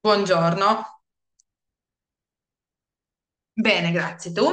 Buongiorno. Bene, grazie. Tu?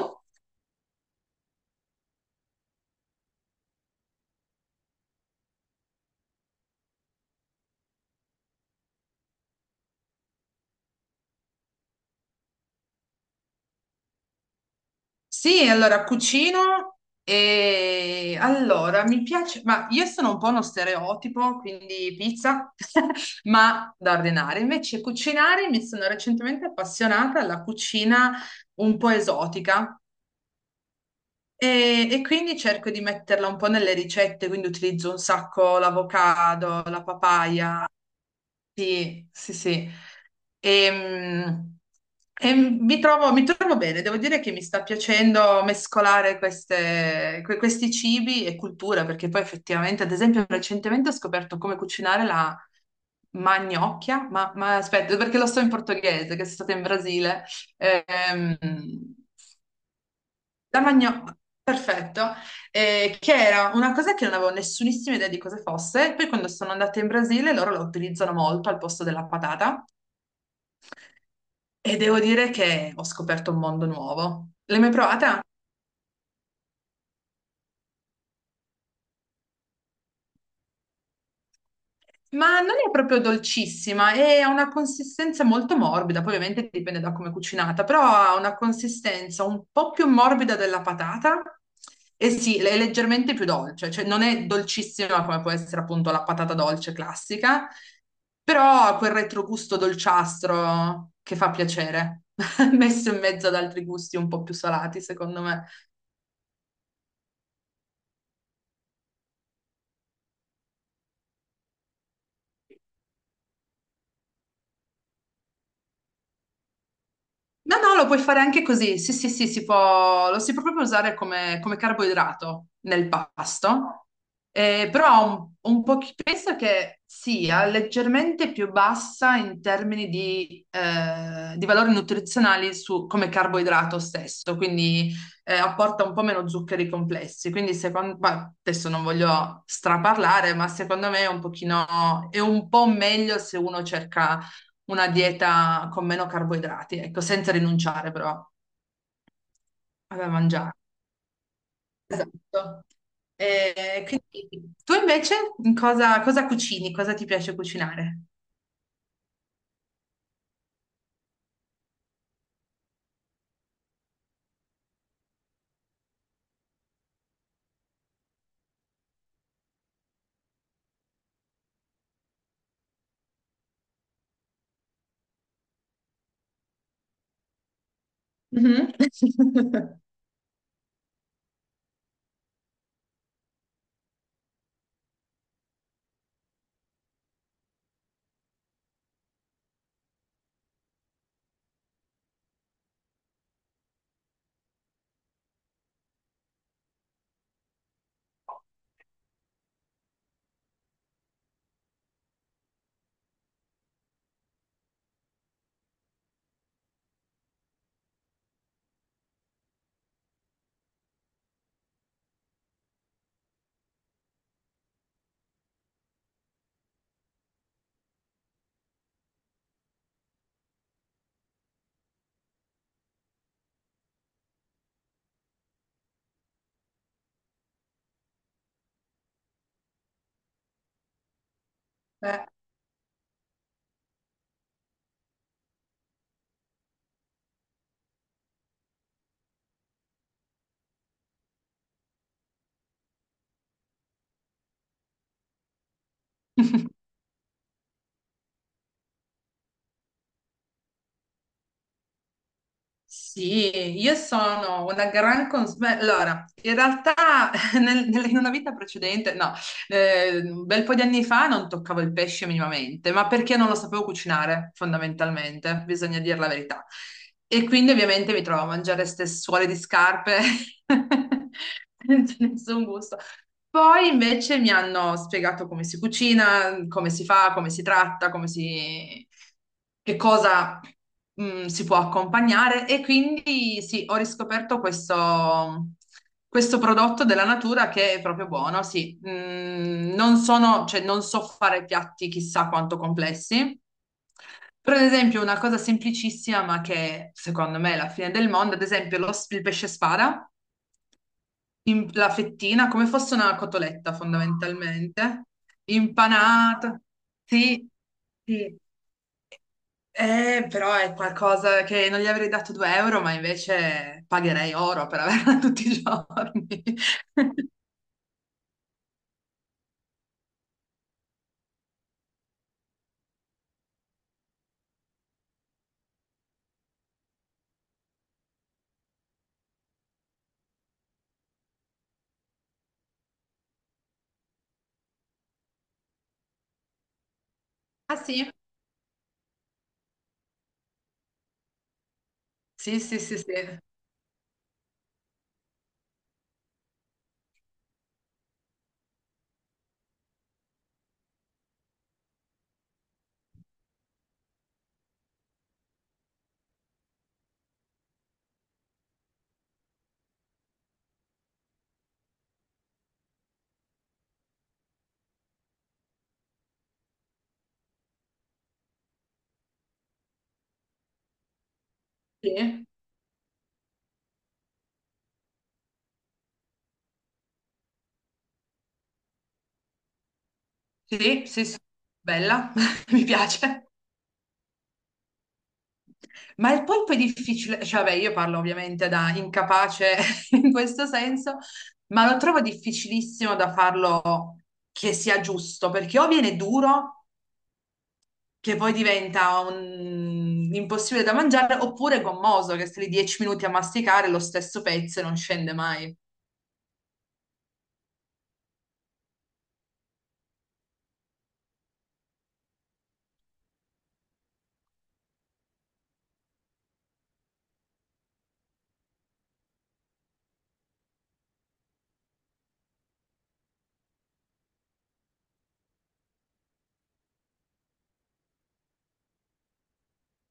Sì, allora cucino e allora mi piace, ma io sono un po' uno stereotipo, quindi pizza, ma da ordinare. Invece cucinare, mi sono recentemente appassionata alla cucina un po' esotica e quindi cerco di metterla un po' nelle ricette, quindi utilizzo un sacco l'avocado, la papaya. Sì, sì, sì. E, e mi trovo bene, devo dire che mi sta piacendo mescolare questi cibi e cultura, perché poi effettivamente, ad esempio, recentemente ho scoperto come cucinare la magnocchia, ma aspetta, perché lo so in portoghese, che sono stata in Brasile. Ehm, la magnocchia, perfetto, che era una cosa che non avevo nessunissima idea di cosa fosse, e poi quando sono andata in Brasile loro la utilizzano molto al posto della patata. E devo dire che ho scoperto un mondo nuovo. L'hai mai provata? Ma non è proprio dolcissima e ha una consistenza molto morbida, poi ovviamente dipende da come è cucinata, però ha una consistenza un po' più morbida della patata e sì, è leggermente più dolce, cioè non è dolcissima come può essere appunto la patata dolce classica, però ha quel retrogusto dolciastro che fa piacere, messo in mezzo ad altri gusti un po' più salati, secondo me. No, no, lo puoi fare anche così. Sì, sì, sì, si può, lo si può proprio usare come, come carboidrato nel pasto. Però ha un po' penso che sia leggermente più bassa in termini di valori nutrizionali come carboidrato stesso, quindi apporta un po' meno zuccheri complessi. Quindi secondo, ma adesso non voglio straparlare, ma secondo me è un pochino, è un po' meglio se uno cerca una dieta con meno carboidrati, ecco, senza rinunciare però a mangiare. Esatto. E quindi tu invece in cosa, cosa cucini? Cosa ti piace cucinare? Mhm. Eh, sì, io sono una gran consulenza. Allora, in realtà in una vita precedente, no, un bel po' di anni fa non toccavo il pesce minimamente, ma perché non lo sapevo cucinare, fondamentalmente, bisogna dire la verità. E quindi ovviamente mi trovo a mangiare ste suole di scarpe senza nessun gusto. Poi invece mi hanno spiegato come si cucina, come si fa, come si tratta, come si... che cosa si può accompagnare e quindi sì, ho riscoperto questo, questo prodotto della natura che è proprio buono, sì. Mm, non sono, cioè, non so fare piatti chissà quanto complessi. Per esempio, una cosa semplicissima, ma che secondo me è la fine del mondo, ad esempio il pesce spada la fettina come fosse una cotoletta fondamentalmente, impanata. Sì, sì. Però è qualcosa che non gli avrei dato 2 euro, ma invece pagherei oro per averla tutti i giorni. Ah sì? Sì, sì, sì, sì. Sì, sì, sì, sì. Bella, mi piace. Ma il polpo è difficile, cioè vabbè, io parlo ovviamente da incapace in questo senso, ma lo trovo difficilissimo da farlo che sia giusto, perché o viene duro, che poi diventa impossibile da mangiare, oppure gommoso, che stai lì 10 minuti a masticare lo stesso pezzo e non scende mai.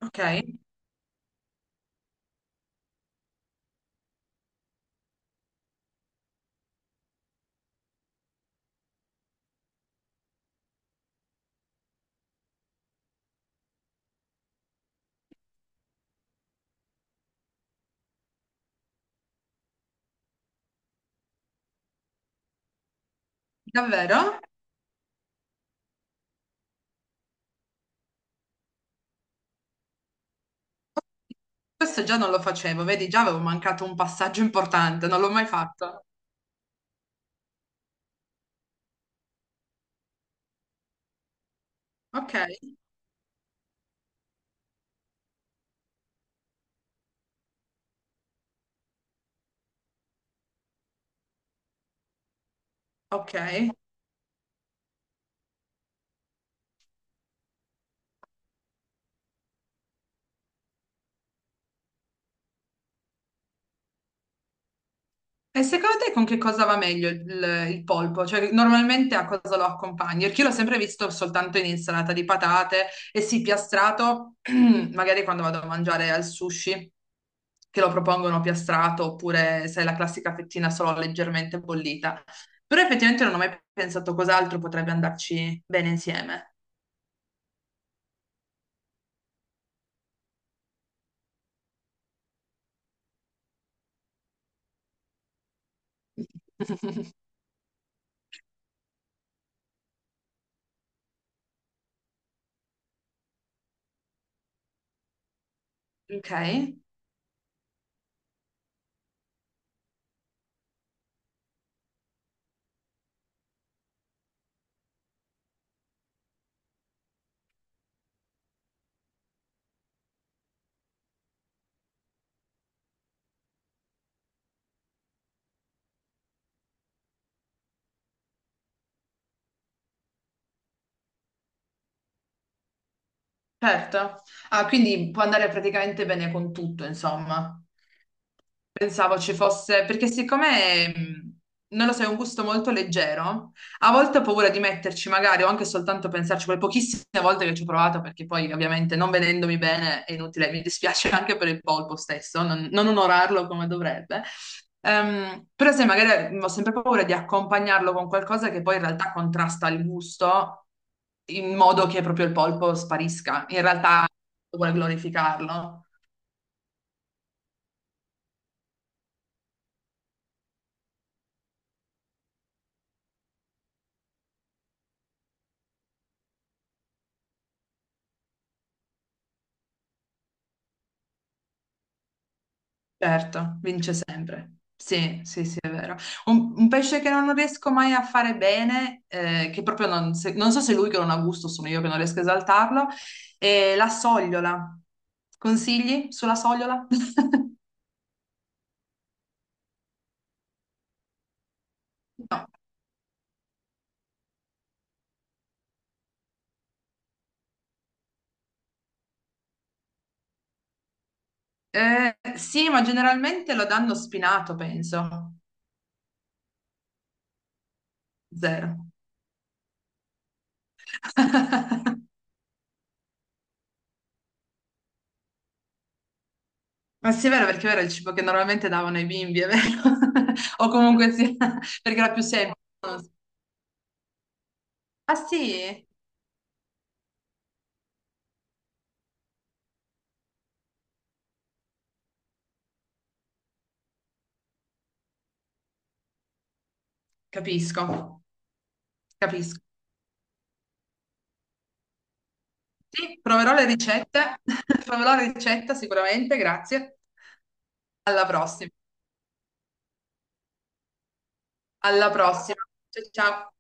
Ok? Davvero? Questo già non lo facevo, vedi, già avevo mancato un passaggio importante, non l'ho mai fatto. Ok, ok. E secondo te con che cosa va meglio il polpo? Cioè, normalmente a cosa lo accompagni? Perché io l'ho sempre visto soltanto in insalata di patate e sì, piastrato, magari quando vado a mangiare al sushi, che lo propongono piastrato, oppure sai, la classica fettina solo leggermente bollita. Però effettivamente non ho mai pensato cos'altro potrebbe andarci bene insieme. Ok, certo. Ah, quindi può andare praticamente bene con tutto, insomma. Pensavo ci fosse, perché siccome, non lo so, è un gusto molto leggero, a volte ho paura di metterci magari o anche soltanto pensarci, quelle pochissime volte che ci ho provato, perché poi ovviamente non vedendomi bene è inutile, mi dispiace anche per il polpo stesso, non, non onorarlo come dovrebbe. Però se magari mhmm, ho sempre paura di accompagnarlo con qualcosa che poi in realtà contrasta il gusto in modo che proprio il polpo sparisca. In realtà vuole glorificarlo. Certo, vince sempre. Sì, sì, sì. Un pesce che non riesco mai a fare bene, che proprio non, non so se è lui che non ha gusto, sono io che non riesco a esaltarlo, è la sogliola. Consigli sulla sogliola? No. Sì, ma generalmente lo danno spinato, penso. Zero. Ma sì, è vero, perché era il cibo che normalmente davano ai bimbi, è vero? O comunque sì, perché era più semplice. Ah sì? Capisco, capisco. Sì, proverò le ricette, proverò la ricetta sicuramente, grazie. Alla prossima. Alla prossima. Ciao, ciao.